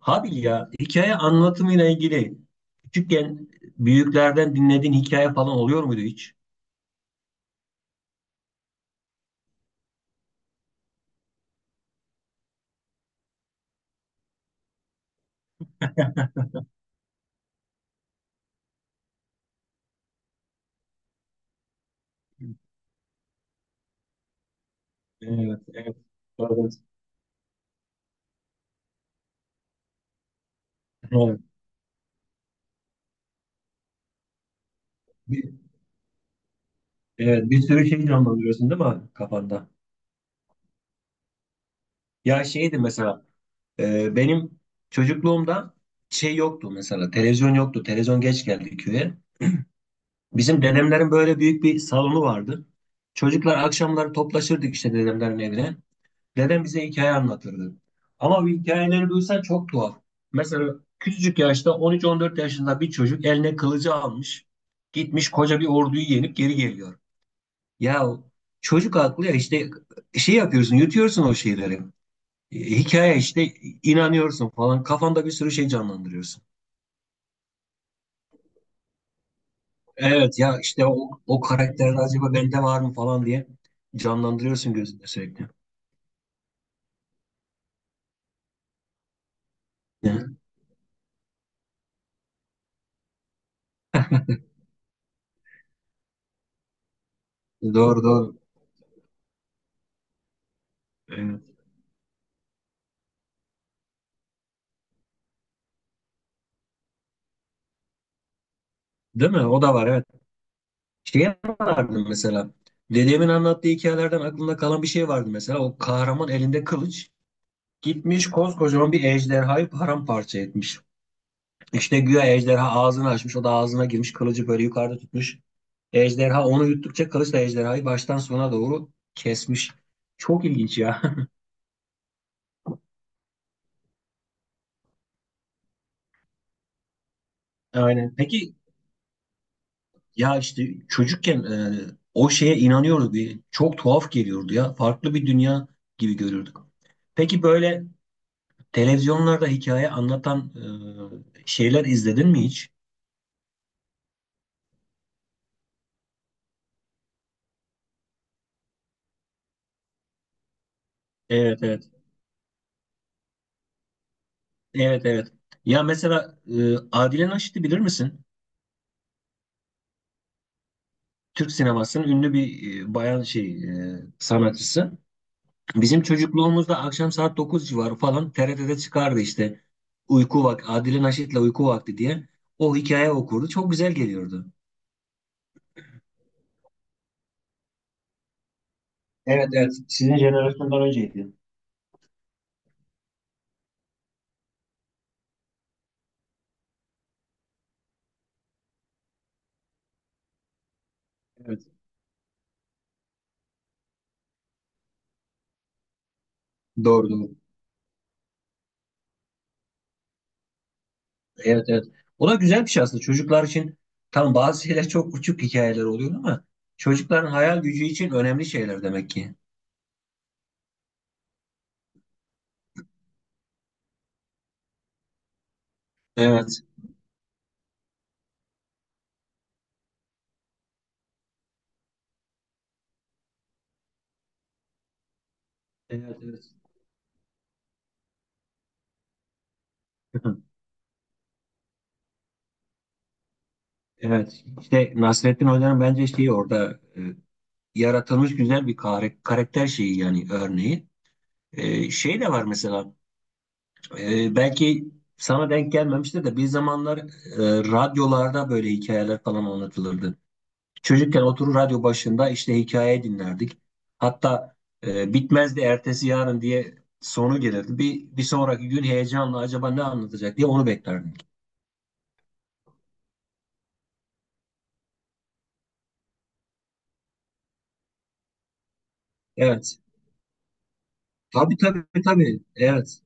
Habil, ya hikaye anlatımıyla ilgili küçükken büyüklerden dinlediğin hikaye falan oluyor muydu hiç? Evet, evet. Evet. Evet. Bir, evet, bir sürü şey canlandırıyorsun değil mi abi kafanda? Ya şeydi mesela, benim çocukluğumda şey yoktu mesela, televizyon yoktu. Televizyon geç geldi köye. Bizim dedemlerin böyle büyük bir salonu vardı. Çocuklar akşamları toplaşırdık işte dedemlerin evine. Dedem bize hikaye anlatırdı. Ama bu hikayeleri duysan çok tuhaf. Mesela küçücük yaşta 13-14 yaşında bir çocuk eline kılıcı almış. Gitmiş koca bir orduyu yenip geri geliyor. Ya çocuk aklı ya işte, şey yapıyorsun, yutuyorsun o şeyleri. Hikaye işte, inanıyorsun falan, kafanda bir sürü şey canlandırıyorsun. Evet, ya işte o karakter acaba bende var mı falan diye canlandırıyorsun gözünde sürekli. Yani, doğru doğru. Evet. Değil mi? O da var, evet. Şey vardı mesela. Dedemin anlattığı hikayelerden aklımda kalan bir şey vardı mesela. O kahraman elinde kılıç gitmiş, koskocaman bir ejderhayı paramparça etmiş. İşte güya ejderha ağzını açmış. O da ağzına girmiş, kılıcı böyle yukarıda tutmuş. Ejderha onu yuttukça kılıç da ejderhayı baştan sona doğru kesmiş. Çok ilginç ya. Aynen. Peki, ya işte çocukken o şeye inanıyorduk. Çok tuhaf geliyordu ya. Farklı bir dünya gibi görüyorduk. Peki, böyle televizyonlarda hikaye anlatan şeyler izledin mi hiç? Evet, evet. Evet, evet. Ya mesela, Adile Naşit'i bilir misin? Türk sinemasının ünlü bir bayan şey, sanatçısı. Bizim çocukluğumuzda akşam saat 9 civarı falan TRT'de çıkardı işte. Uyku Vakti, Adile Naşit'le Uyku Vakti diye. O hikaye okurdu. Çok güzel geliyordu. Evet, evet. Sizin jenerasyondan önceydi. Evet. Doğru doğru. Evet, evet. O da güzel bir şey aslında. Çocuklar için tam bazı şeyler çok uçuk hikayeler oluyor ama çocukların hayal gücü için önemli şeyler demek ki. Evet. Evet, evet. Evet. İşte Nasrettin Hoca'nın bence şeyi orada yaratılmış güzel bir karakter şeyi, yani örneği. Şey de var mesela, belki sana denk gelmemiştir de bir zamanlar radyolarda böyle hikayeler falan anlatılırdı. Çocukken oturur radyo başında işte hikaye dinlerdik. Hatta bitmezdi, ertesi yarın diye sonu gelirdi. Bir sonraki gün heyecanla acaba ne anlatacak diye onu beklerdik. Evet. Tabii, tabii, tabii. Evet.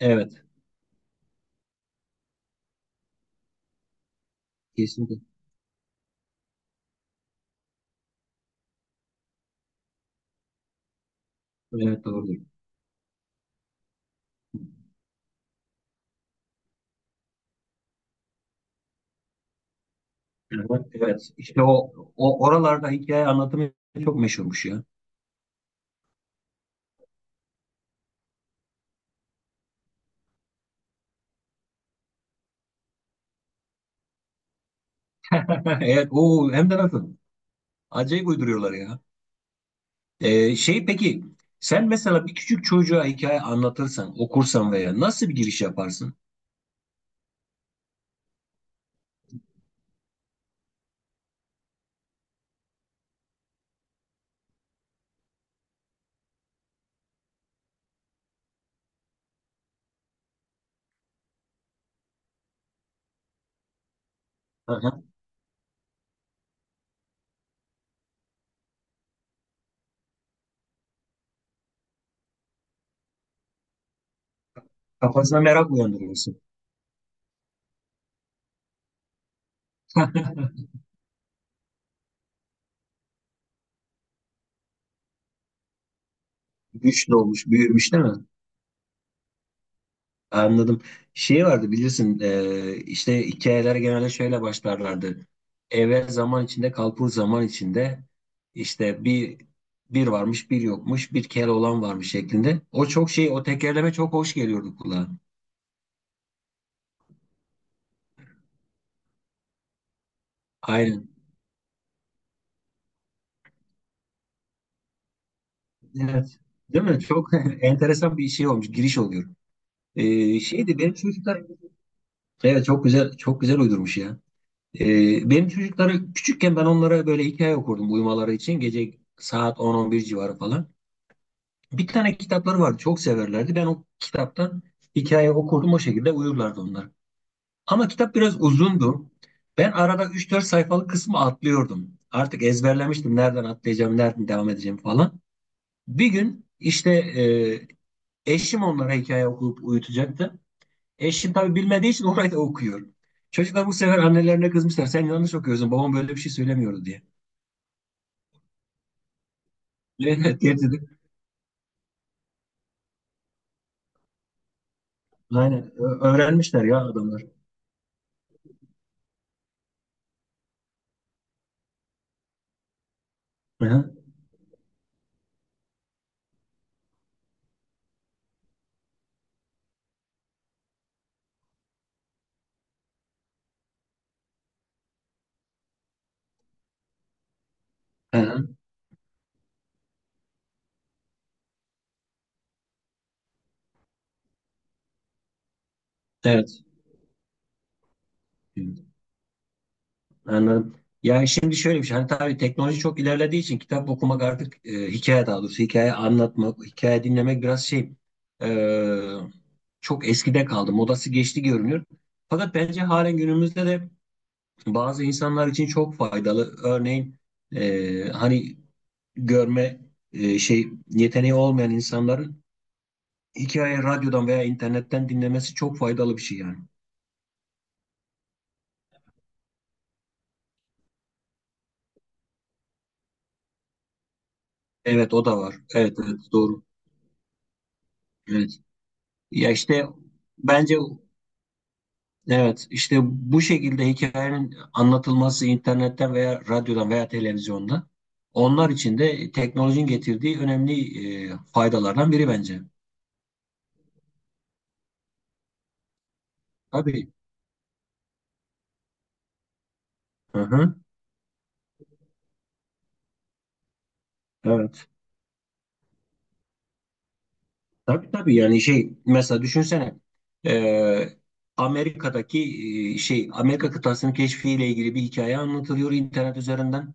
Evet. Kesinlikle. Evet, doğrudur. Evet. Evet. İşte o oralarda hikaye anlatımı çok meşhurmuş ya. Evet, o hem de nasıl? Acayip uyduruyorlar ya. Şey, peki, sen mesela bir küçük çocuğa hikaye anlatırsan, okursan veya nasıl bir giriş yaparsın? Kafasına merak uyandırıyorsun. Güçlü olmuş, büyümüş değil mi? Anladım. Şey vardı, bilirsin, işte hikayeler genelde şöyle başlarlardı. Evvel zaman içinde, kalbur zaman içinde, işte bir varmış, bir yokmuş, bir kere olan varmış şeklinde. O çok şey, o tekerleme çok hoş geliyordu kulağa. Aynen. Evet. Değil mi? Çok enteresan bir şey olmuş, giriş oluyor. Şeydi benim çocuklar, evet çok güzel çok güzel uydurmuş ya. Benim çocukları küçükken ben onlara böyle hikaye okurdum uyumaları için. Gece saat 10-11 civarı falan. Bir tane kitapları vardı. Çok severlerdi. Ben o kitaptan hikaye okurdum. O şekilde uyurlardı onlar. Ama kitap biraz uzundu. Ben arada üç dört sayfalık kısmı atlıyordum. Artık ezberlemiştim. Nereden atlayacağım, nereden devam edeceğim falan. Bir gün işte eşim onlara hikaye okuyup uyutacaktı. Eşim tabii bilmediği için orayı da okuyor. Çocuklar bu sefer annelerine kızmışlar. Sen yanlış okuyorsun. Babam böyle bir şey söylemiyordu diye. Evet, getirdik. Aynen. Öğrenmişler ya adamlar. Hı hı. Hı hı. Evet. Anladım. Ya şimdi şöyle bir şey. Hani tabii teknoloji çok ilerlediği için kitap okumak artık, hikaye, daha doğrusu hikaye anlatmak, hikaye dinlemek biraz şey, e, çok eskide kaldı. Modası geçti görünüyor. Fakat bence halen günümüzde de bazı insanlar için çok faydalı. Örneğin hani görme şey yeteneği olmayan insanların hikaye radyodan veya internetten dinlemesi çok faydalı bir şey yani. Evet, o da var. Evet, evet, doğru. Evet. Ya işte bence, evet işte bu şekilde hikayenin anlatılması internetten veya radyodan veya televizyonda onlar için de teknolojinin getirdiği önemli faydalardan biri bence. Tabii. Hı hı. Evet. Tabii, tabii, yani şey mesela düşünsene e, Amerika'daki, şey, Amerika kıtasının keşfiyle ilgili bir hikaye anlatılıyor internet üzerinden.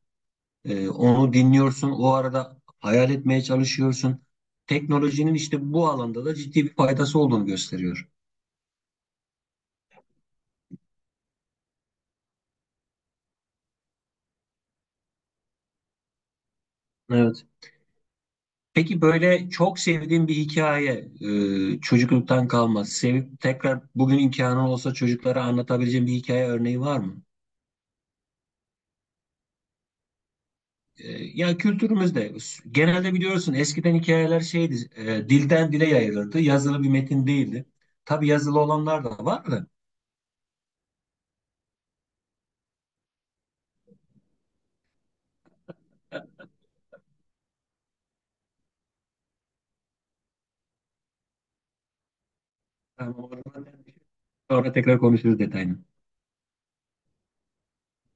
Onu dinliyorsun. O arada hayal etmeye çalışıyorsun. Teknolojinin işte bu alanda da ciddi bir faydası olduğunu gösteriyor. Evet. Peki, böyle çok sevdiğin bir hikaye, çocukluktan kalma, sevip tekrar bugün imkanın olsa çocuklara anlatabileceğin bir hikaye örneği var mı? Ya kültürümüzde genelde biliyorsun eskiden hikayeler şeydi, dilden dile yayılırdı, yazılı bir metin değildi. Tabii yazılı olanlar da var da. Yani onlardan sonra tekrar konuşuruz detayını.